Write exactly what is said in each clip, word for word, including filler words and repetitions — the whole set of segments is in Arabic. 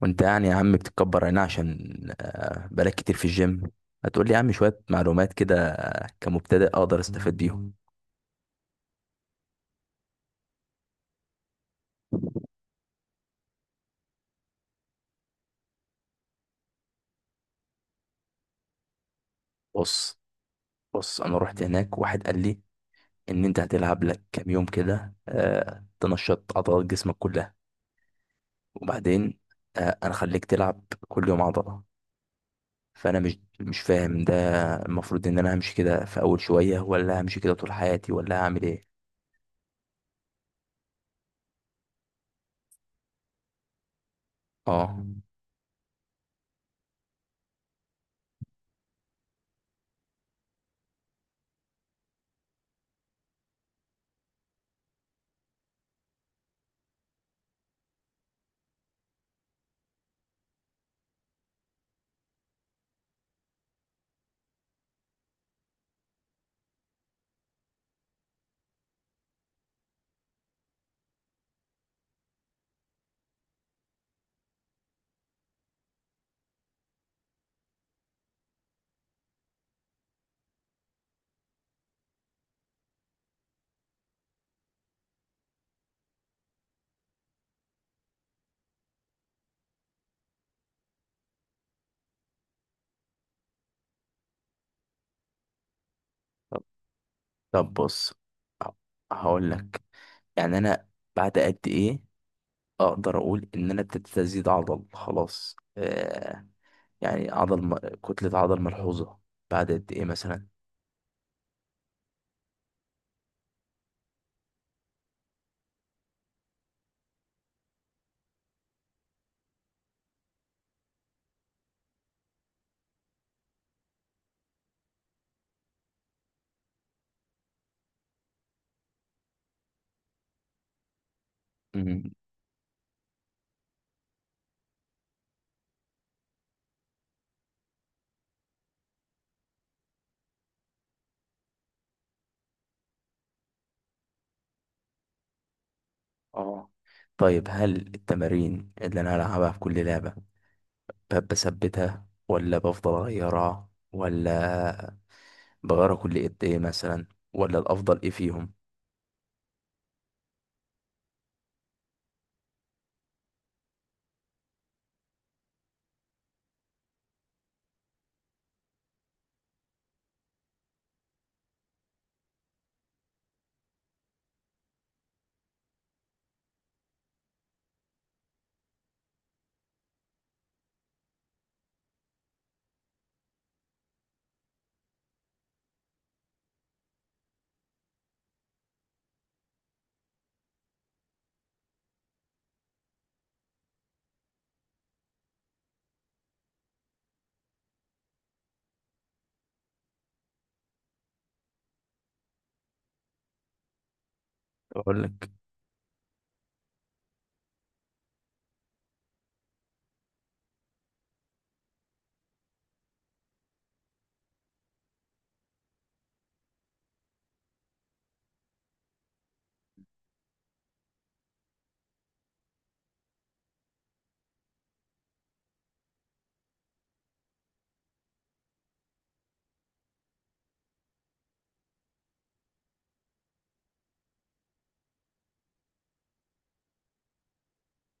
وانت يعني يا عم بتتكبر هنا عشان آه، بقالك كتير في الجيم. هتقول لي يا عم شوية معلومات كده كمبتدئ اقدر استفاد بيهم. بص بص، انا رحت هناك واحد قال لي ان انت هتلعب لك كام يوم كده آه، تنشط عضلات جسمك كلها وبعدين. آه، انا خليك تلعب كل يوم عضلة. فانا مش مش فاهم ده. المفروض ان انا همشي كده في اول شوية ولا همشي كده طول حياتي ولا هعمل ايه؟ اه. طب طب بص، ه- هقول لك. يعني انا بعد قد ايه اقدر اقول ان انا ابتديت ازيد عضل خلاص آه يعني عضل م... كتلة عضل ملحوظة، بعد قد ايه مثلا؟ مم. اه. طيب، هل التمارين اللي انا هلعبها في كل لعبة ب- بثبتها ولا بفضل اغيرها، ولا بغيرها كل قد ايه مثلا؟ ولا الافضل ايه فيهم؟ اقول لك.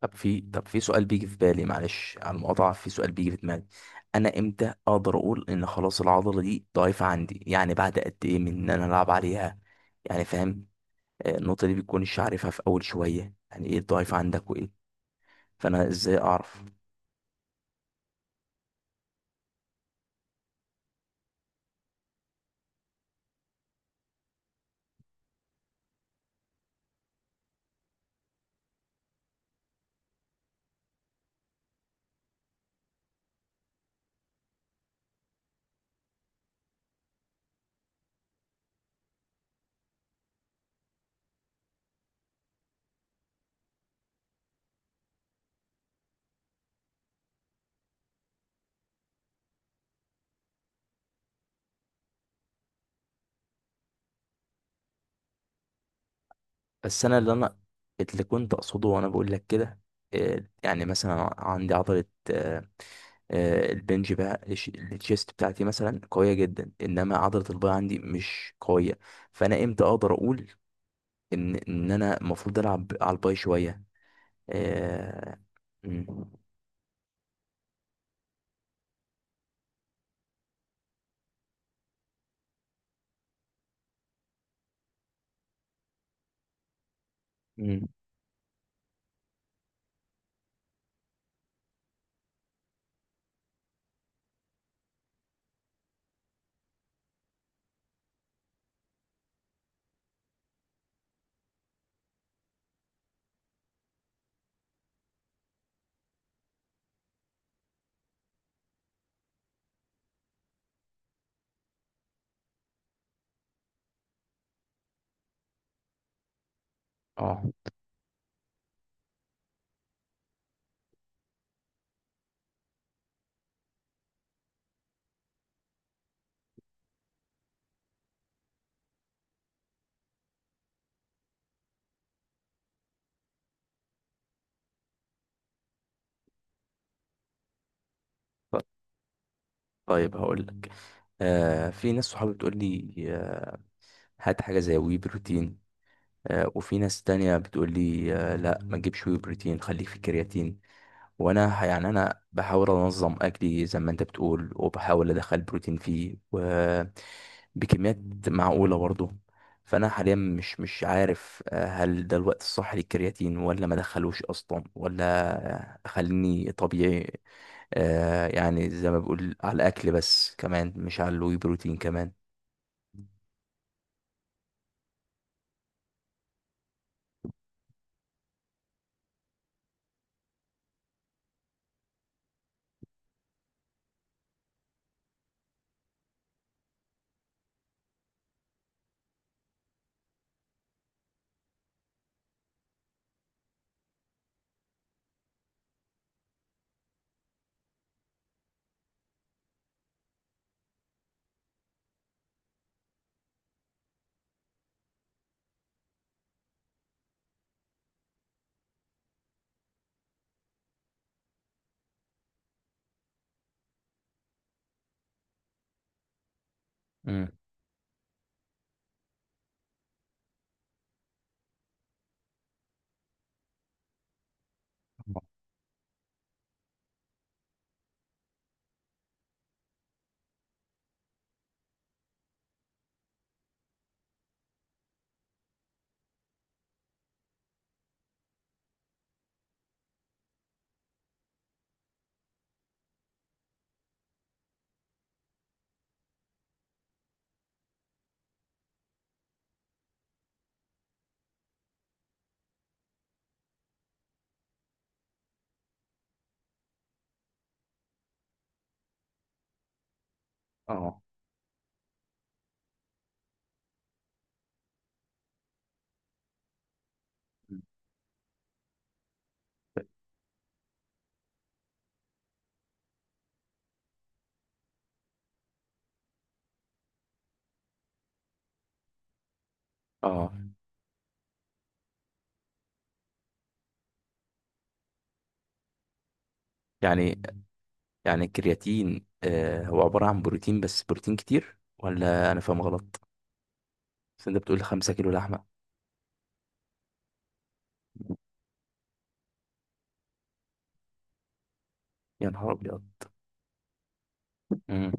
طب في طب في سؤال بيجي في بالي، معلش على المقاطعة، في سؤال بيجي في دماغي. أنا إمتى أقدر أقول إن خلاص العضلة دي ضعيفة عندي؟ يعني بعد قد إيه من إن أنا ألعب عليها؟ يعني فاهم؟ آه، النقطة دي بتكونش عارفها في أول شوية، يعني إيه الضعيف عندك وإيه. فأنا إزاي أعرف؟ بس أنا اللي أنا اللي كنت أقصده وأنا بقول لك كده. آه، يعني مثلا عندي عضلة، آه، آه، البنج بقى الش- الشيست بتاعتي مثلا قوية جدا، إنما عضلة الباي عندي مش قوية. فانا امتى اقدر اقول ان ان انا المفروض العب على الباي شويه آه... مم. مم. اه. ط- طيب هقول لك. آه... في ناس صحابي بتقول لي آه... هات حاجه زي وي بروتين. آه... وفي ناس تانية بتقول لي آه... لا ما تجيبش وي بروتين، خليك في كرياتين. وانا ه- يعني انا بحاول انظم اكلي زي ما انت بتقول، وبحاول ادخل بروتين فيه، و بكميات معقوله برضه. فانا حاليا مش مش عارف آه، هل ده الوقت الصح للكرياتين ولا ما ادخلوش اصلا ولا اخليني طبيعي. آه، يعني زي ما بقول على الاكل، بس كمان مش على الواي بروتين كمان. امم اه اه. يعني يعني الكرياتين آه، هو عباره عن بروتين، بس بروتين كتير ولا انا فاهم؟ بس انت بتقول خمسة كيلو لحمة؟ يا نهار ابيض. مم.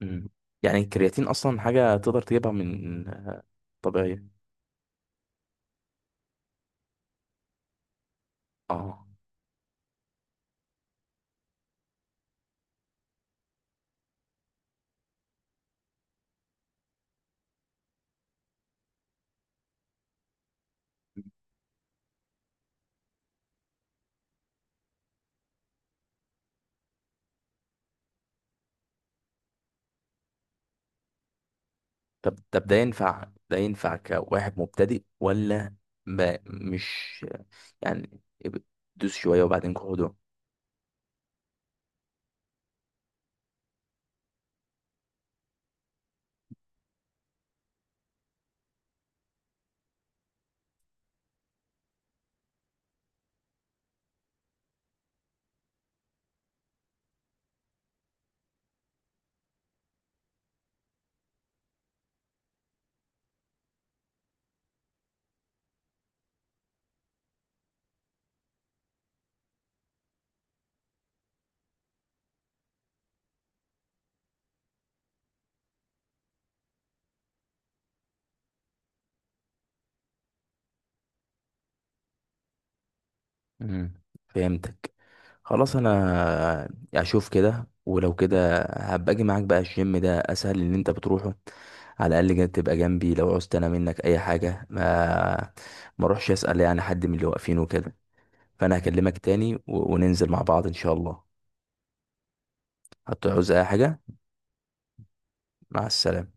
مم. يعني الكرياتين اصلا حاجة تقدر تجيبها من طبيعية. اه. طب طب ده ينفع ده ينفع كواحد مبتدئ ولا ما مش يعني اب- دوس شوية وبعدين قعدوا؟ مم. فهمتك. خلاص انا اشوف كده، ولو كده هبقى اجي معاك بقى الجيم ده، اسهل ان انت بتروحه. على الاقل كده تبقى جنبي لو عوزت انا منك اي حاجه، ما ما اروحش اسال يعني حد من اللي واقفين وكده. فانا هكلمك تاني و- وننزل مع بعض ان شاء الله. هتعوز اي حاجه. مع السلامه.